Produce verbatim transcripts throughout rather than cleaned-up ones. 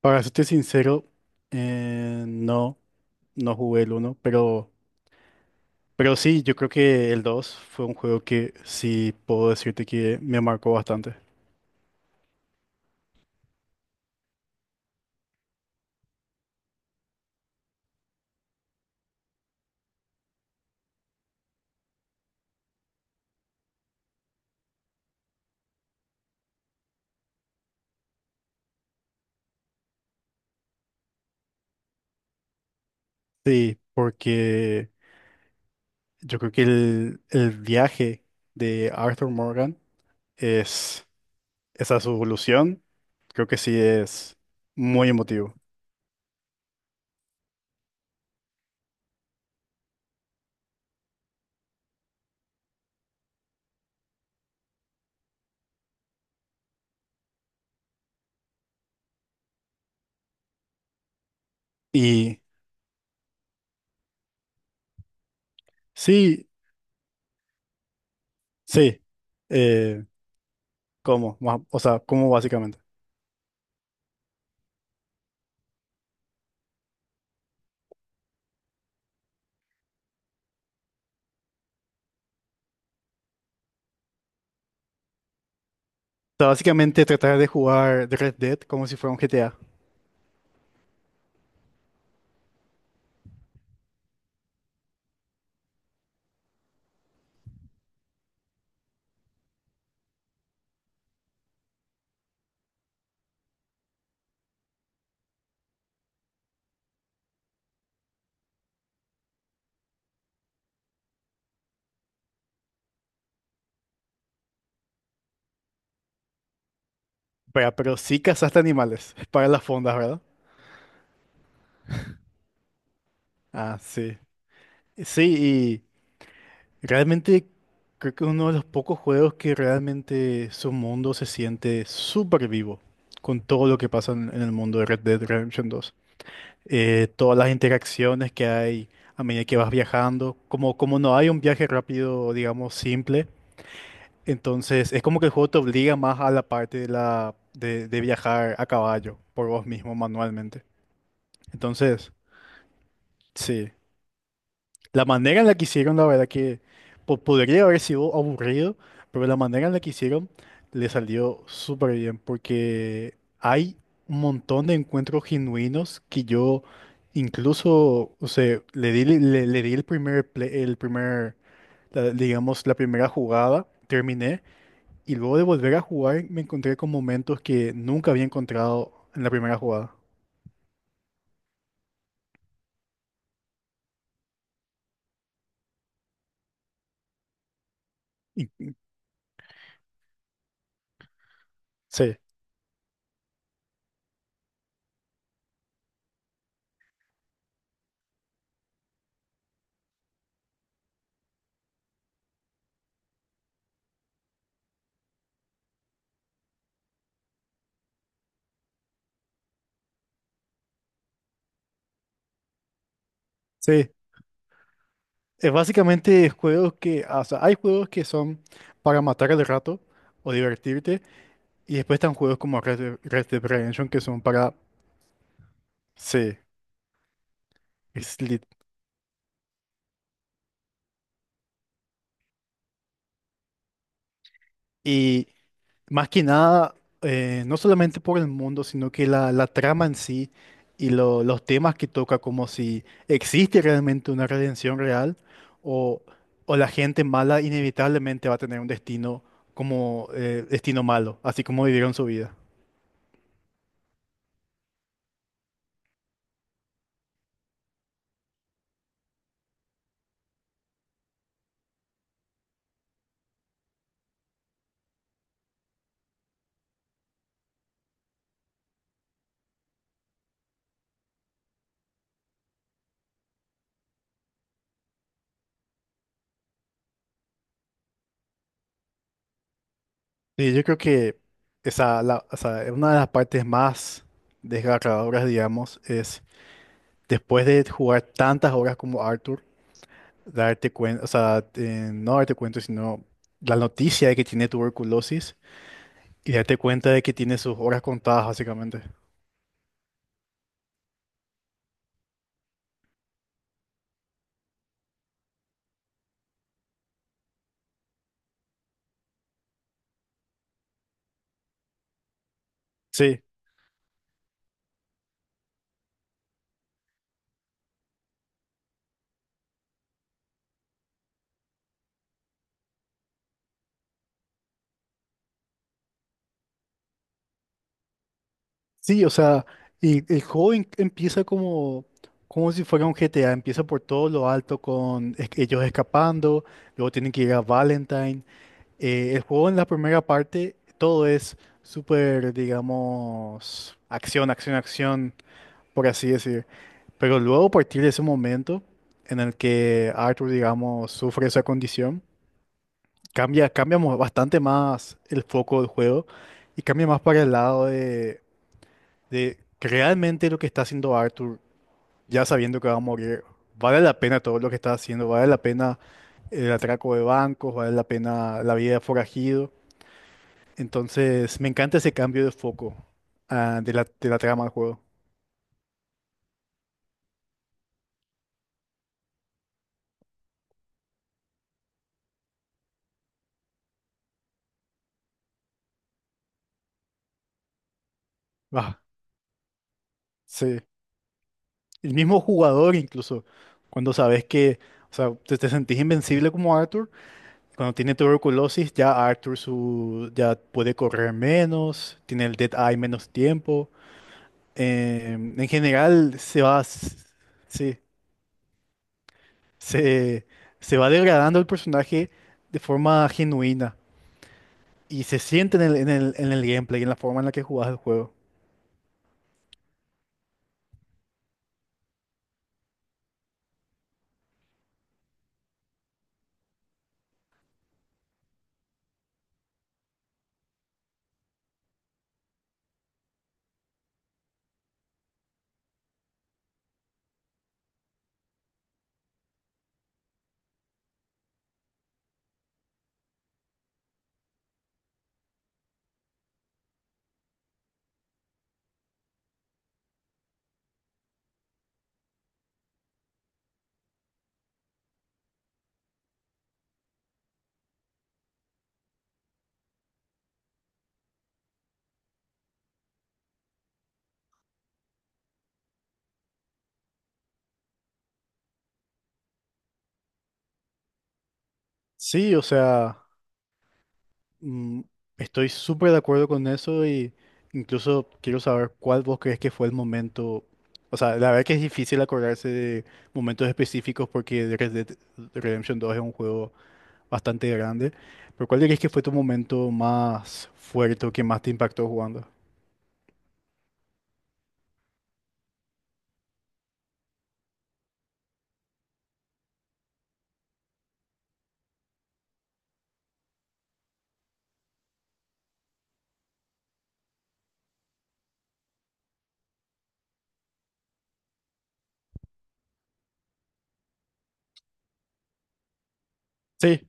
Para serte sincero, eh, no, no jugué el uno, pero, pero sí, yo creo que el dos fue un juego que sí puedo decirte que me marcó bastante. Sí, porque yo creo que el, el viaje de Arthur Morgan es esa su evolución, creo que sí es muy emotivo. Y sí, sí, eh, ¿cómo? Ma- O sea, ¿cómo básicamente? O sea, básicamente tratar de jugar Red Dead como si fuera un G T A. Vea, pero sí cazaste animales para las fondas, ¿verdad? Ah, sí. Sí, y realmente creo que es uno de los pocos juegos que realmente su mundo se siente súper vivo con todo lo que pasa en, en el mundo de Red Dead Redemption dos. Eh, todas las interacciones que hay a medida que vas viajando, como, como no hay un viaje rápido, digamos, simple, entonces es como que el juego te obliga más a la parte de, la, de, de viajar a caballo por vos mismo manualmente. Entonces, sí. La manera en la que hicieron, la verdad que po- podría haber sido aburrido, pero la manera en la que hicieron le salió súper bien, porque hay un montón de encuentros genuinos que yo incluso, o sea, le di, le, le di el primer, play- el primer, la- digamos, la primera jugada, terminé, y luego de volver a jugar me encontré con momentos que nunca había encontrado en la primera jugada. Y- Sí, sí. Es básicamente juegos que, ah, o sea, hay juegos que son para matar el rato o divertirte, y después están juegos como Red, Dead- Red Dead Redemption que son para, sí, slit. Y más que nada, eh, no solamente por el mundo, sino que la, la trama en sí y lo- los temas que toca, como si existe realmente una redención real o, o la gente mala inevitablemente va a tener un destino como eh, destino malo, así como vivieron su vida. Sí, yo creo que esa, la- o sea, una de las partes más desgarradoras, digamos, es después de jugar tantas horas como Arthur, darte cuenta, o sea, eh, no darte cuenta, sino la noticia de que tiene tuberculosis y darte cuenta de que tiene sus horas contadas, básicamente. Sí, sí, o sea, y el juego en- empieza como, como si fuera un G T A, empieza por todo lo alto con es- ellos escapando, luego tienen que ir a Valentine. Eh, el juego en la primera parte, todo es súper, digamos, acción, acción, acción, por así decir. Pero luego, a partir de ese momento en el que Arthur, digamos, sufre esa condición, cambia, cambia mo- bastante más el foco del juego y cambia más para el lado de, de que realmente lo que está haciendo Arthur, ya sabiendo que va a morir, vale la pena todo lo que está haciendo, vale la pena el atraco de bancos, vale la pena la vida de forajido. Entonces, me encanta ese cambio de foco ah, de la, de la trama del juego. Ah, sí. El mismo jugador incluso, cuando sabes que, o sea, te, te sentís invencible como Arthur. Cuando tiene tuberculosis, ya Arthur su, ya puede correr menos, tiene el Dead Eye menos tiempo. Eh, en general, se va, s- sí, se, se va degradando el personaje de forma genuina y se siente en el, en el, en el gameplay, en la forma en la que jugás el juego. Sí, o sea, mm, estoy súper de acuerdo con eso y incluso quiero saber cuál vos crees que fue el momento. O sea, la verdad que es difícil acordarse de momentos específicos porque Red Dead Redemption dos es un juego bastante grande, pero ¿cuál dirías que fue tu momento más fuerte o que más te impactó jugando? Sí,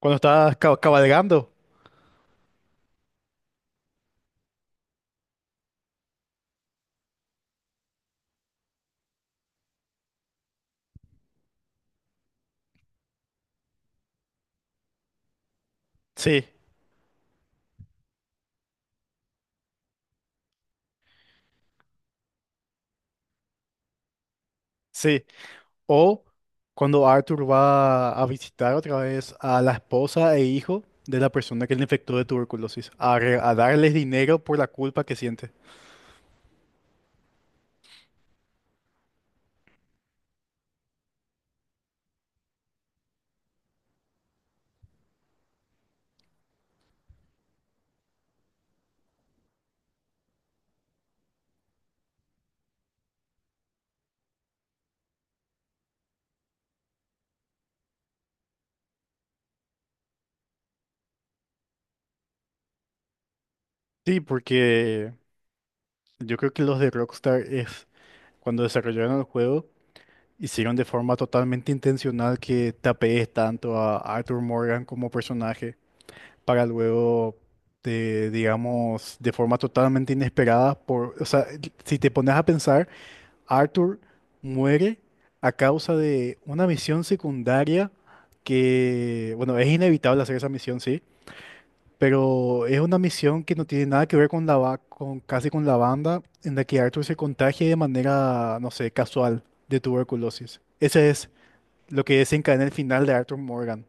cuando estabas ca- cabalgando. Sí, sí. O cuando Arthur va a visitar otra vez a la esposa e hijo de la persona que le infectó de tuberculosis, a, re- a darles dinero por la culpa que siente. Sí, porque yo creo que los de Rockstar es cuando desarrollaron el juego, hicieron de forma totalmente intencional que te apegues tanto a Arthur Morgan como personaje para luego te, digamos, de forma totalmente inesperada, por, o sea, si te pones a pensar Arthur muere a causa de una misión secundaria que, bueno, es inevitable hacer esa misión, sí, pero es una misión que no tiene nada que ver con la ba- con casi con la banda en la que Arthur se contagia de manera, no sé, casual de tuberculosis. Ese es lo que desencadena el final de Arthur Morgan.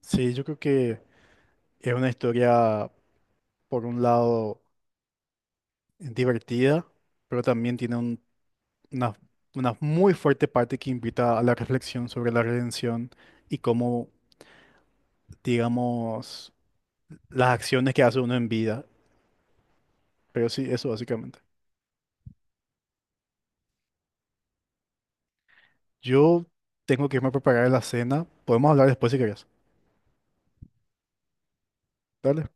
Sí, yo creo que es una historia, por un lado, divertida, pero también tiene un una, una muy fuerte parte que invita a la reflexión sobre la redención y cómo, digamos, las acciones que hace uno en vida. Pero sí, eso básicamente. Yo tengo que irme a preparar la cena. Podemos hablar después si querés. Dale.